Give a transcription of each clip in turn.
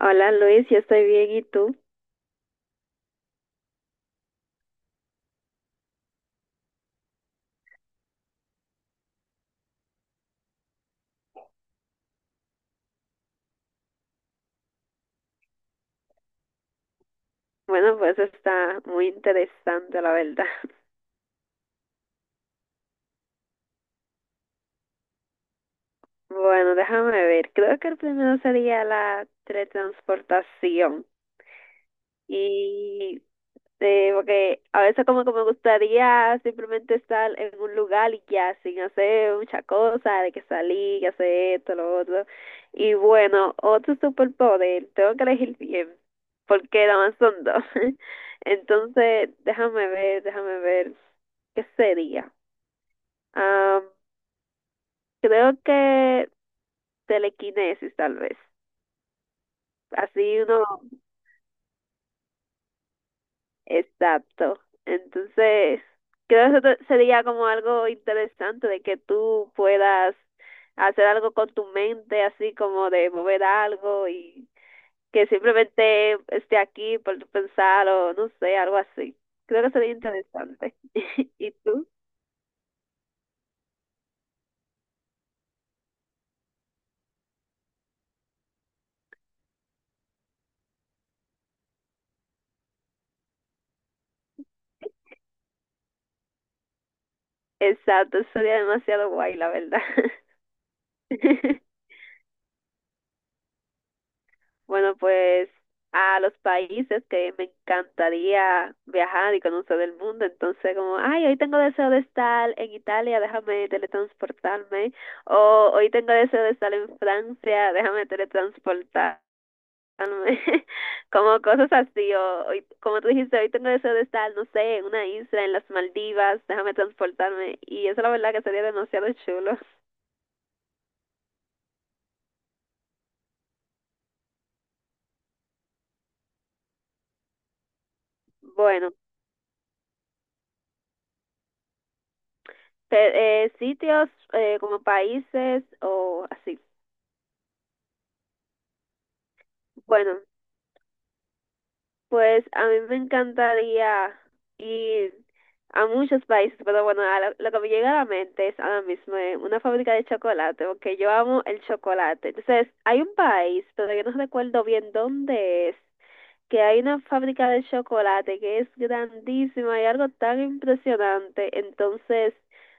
Hola Luis, yo estoy bien y tú. Bueno, pues está muy interesante la verdad. Bueno, déjame ver. Creo que el primero sería la teletransportación. Y Sí, porque a veces como que me gustaría simplemente estar en un lugar y ya, sin hacer mucha cosa, de que salí, que hacer esto, lo otro. Y bueno, otro superpoder, tengo que elegir bien, porque nada más son dos. Entonces, déjame ver, ¿qué sería? Ah, Creo que telequinesis, tal vez. Así uno. Exacto. Entonces, creo que sería como algo interesante de que tú puedas hacer algo con tu mente, así como de mover algo y que simplemente esté aquí por tu pensar o no sé, algo así. Creo que sería interesante. ¿Y tú? Exacto, sería demasiado guay, la verdad. Bueno, pues a los países que me encantaría viajar y conocer el mundo. Entonces, como, ay, hoy tengo deseo de estar en Italia, déjame teletransportarme. O hoy tengo deseo de estar en Francia, déjame teletransportarme. Como cosas así. O hoy, como tú dijiste, hoy tengo deseo de estar, no sé, en una isla, en las Maldivas, déjame transportarme. Y eso la verdad que sería demasiado chulo. Bueno, sitios como países o así. Bueno, pues a mí me encantaría ir a muchos países, pero bueno, a lo que me llega a la mente es ahora mismo una fábrica de chocolate, porque yo amo el chocolate. Entonces, hay un país, pero yo no recuerdo bien dónde es, que hay una fábrica de chocolate que es grandísima y algo tan impresionante. Entonces,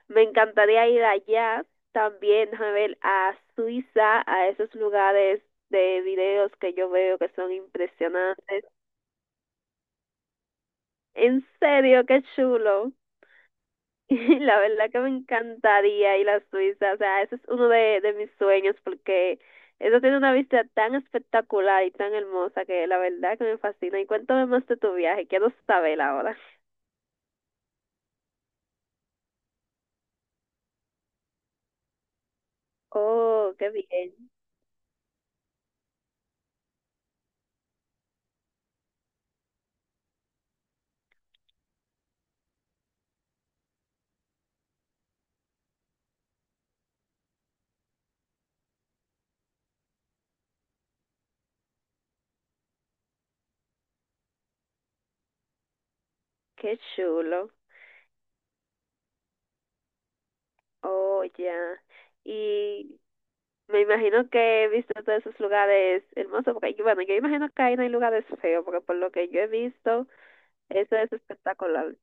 me encantaría ir allá también, a ver, a Suiza, a esos lugares de videos que yo veo que son impresionantes. ¿En serio? Qué chulo. Y la verdad que me encantaría ir a Suiza. O sea, ese es uno de mis sueños porque eso tiene una vista tan espectacular y tan hermosa que la verdad que me fascina. Y cuéntame más de tu viaje, quiero saber ahora. Oh, qué bien, qué chulo. Oh, ya. Y me imagino que he visto todos esos lugares hermosos, porque bueno, yo imagino que ahí no hay lugares feos, porque por lo que yo he visto, eso es espectacular.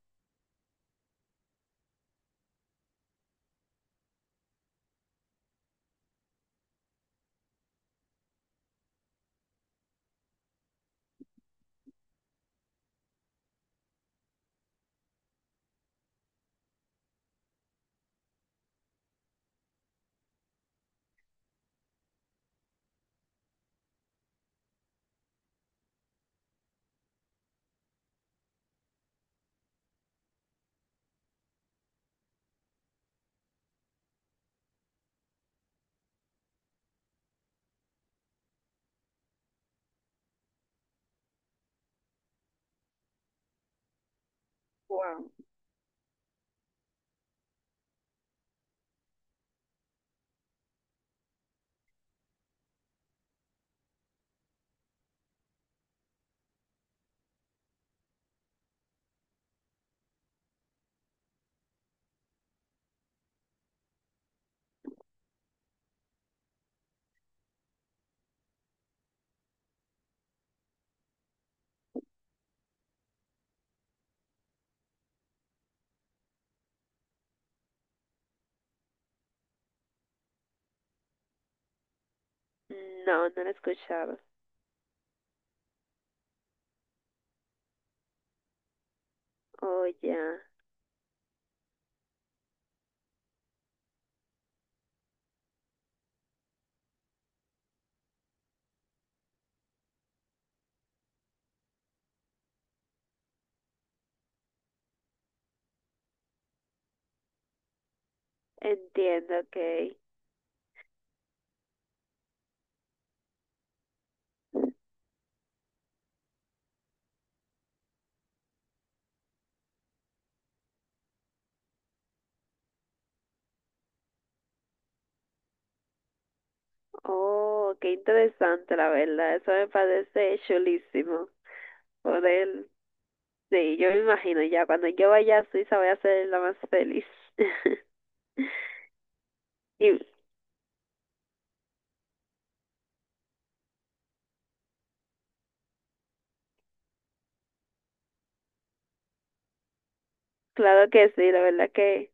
Wow. No, no lo he escuchado. Oh, ya. Entiendo, ok. Oh, qué interesante, la verdad. Eso me parece chulísimo. Por él. Sí, yo me imagino ya. Cuando yo vaya a Suiza voy a ser la más feliz. Y claro que sí, la verdad que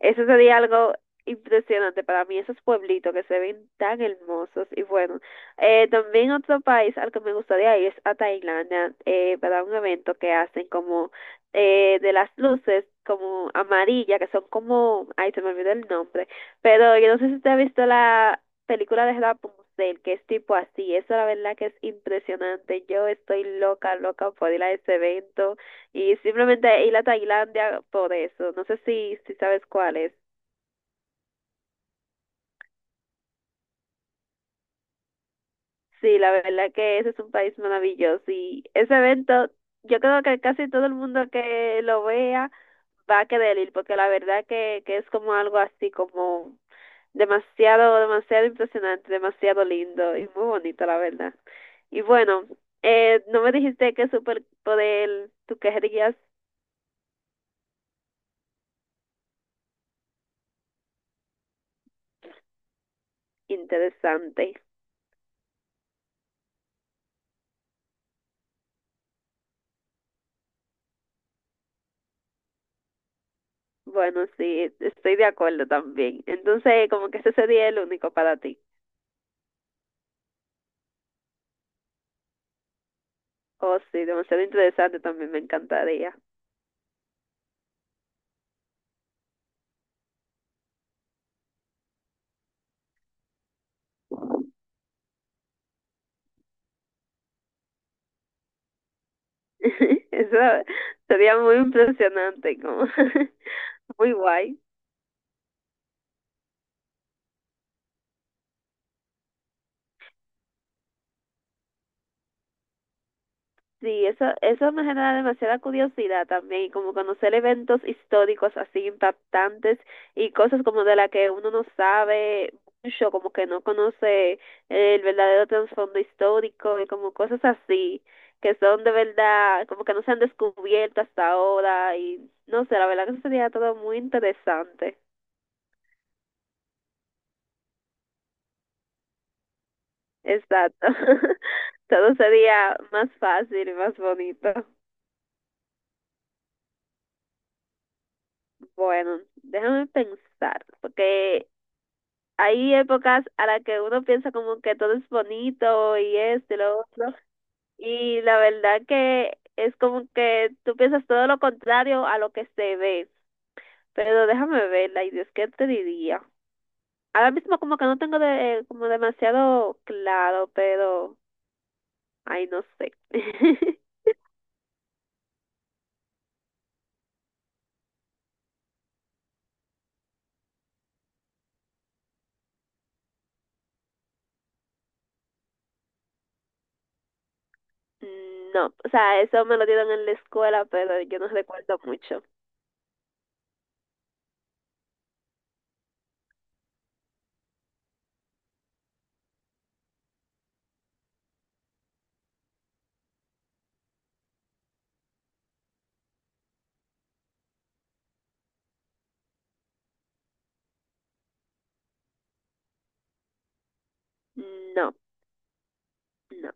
eso sería algo impresionante para mí, esos pueblitos que se ven tan hermosos. Y bueno, también otro país al que me gustaría ir es a Tailandia, para un evento que hacen como de las luces como amarillas, que son como, ay, se me olvidó el nombre, pero yo no sé si usted ha visto la película de Rapunzel, que es tipo así, eso la verdad que es impresionante. Yo estoy loca, loca por ir a ese evento. Y simplemente ir a Tailandia por eso. No sé si sabes cuál es. Sí, la verdad que ese es un país maravilloso y ese evento, yo creo que casi todo el mundo que lo vea va a querer ir, porque la verdad que es como algo así como demasiado, demasiado impresionante, demasiado lindo y muy bonito, la verdad. Y bueno, no me dijiste qué superpoder tú querías. Interesante. Bueno, sí, estoy de acuerdo también. Entonces, como que ese sería el único para ti. Oh, sí, demasiado interesante también, me encantaría. Eso sería muy impresionante, como muy guay. Sí, eso me genera demasiada curiosidad también, y como conocer eventos históricos así impactantes y cosas como de la que uno no sabe mucho, como que no conoce el verdadero trasfondo histórico y como cosas así que son de verdad, como que no se han descubierto hasta ahora y no sé, la verdad que eso sería todo muy interesante. Exacto. Todo sería más fácil y más bonito. Bueno, déjame pensar, porque hay épocas a las que uno piensa como que todo es bonito y esto y lo otro, y la verdad que es como que tú piensas todo lo contrario a lo que se ve. Pero déjame verla, y Dios, ¿qué te diría? Ahora mismo como que no tengo de, como demasiado claro, pero ay, no sé. No, o sea, eso me lo dieron en la escuela, pero yo no recuerdo mucho. No, no.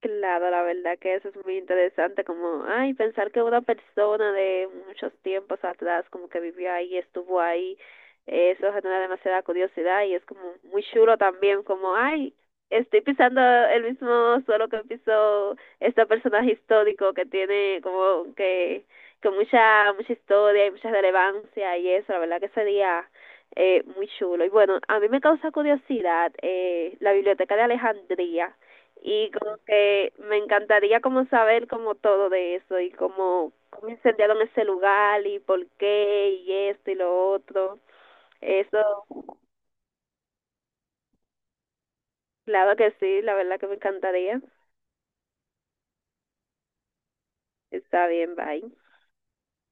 Claro, la verdad que eso es muy interesante, como, ay, pensar que una persona de muchos tiempos atrás como que vivió ahí, estuvo ahí, eso genera demasiada curiosidad y es como muy chulo también, como, ay, estoy pisando el mismo suelo que pisó este personaje histórico que tiene como que mucha, mucha historia y mucha relevancia y eso, la verdad que sería muy chulo. Y bueno, a mí me causa curiosidad la Biblioteca de Alejandría y como que me encantaría como saber como todo de eso y como cómo incendiaron ese lugar y por qué y esto y lo otro. Eso, claro que sí, la verdad que me encantaría. Está bien, bye.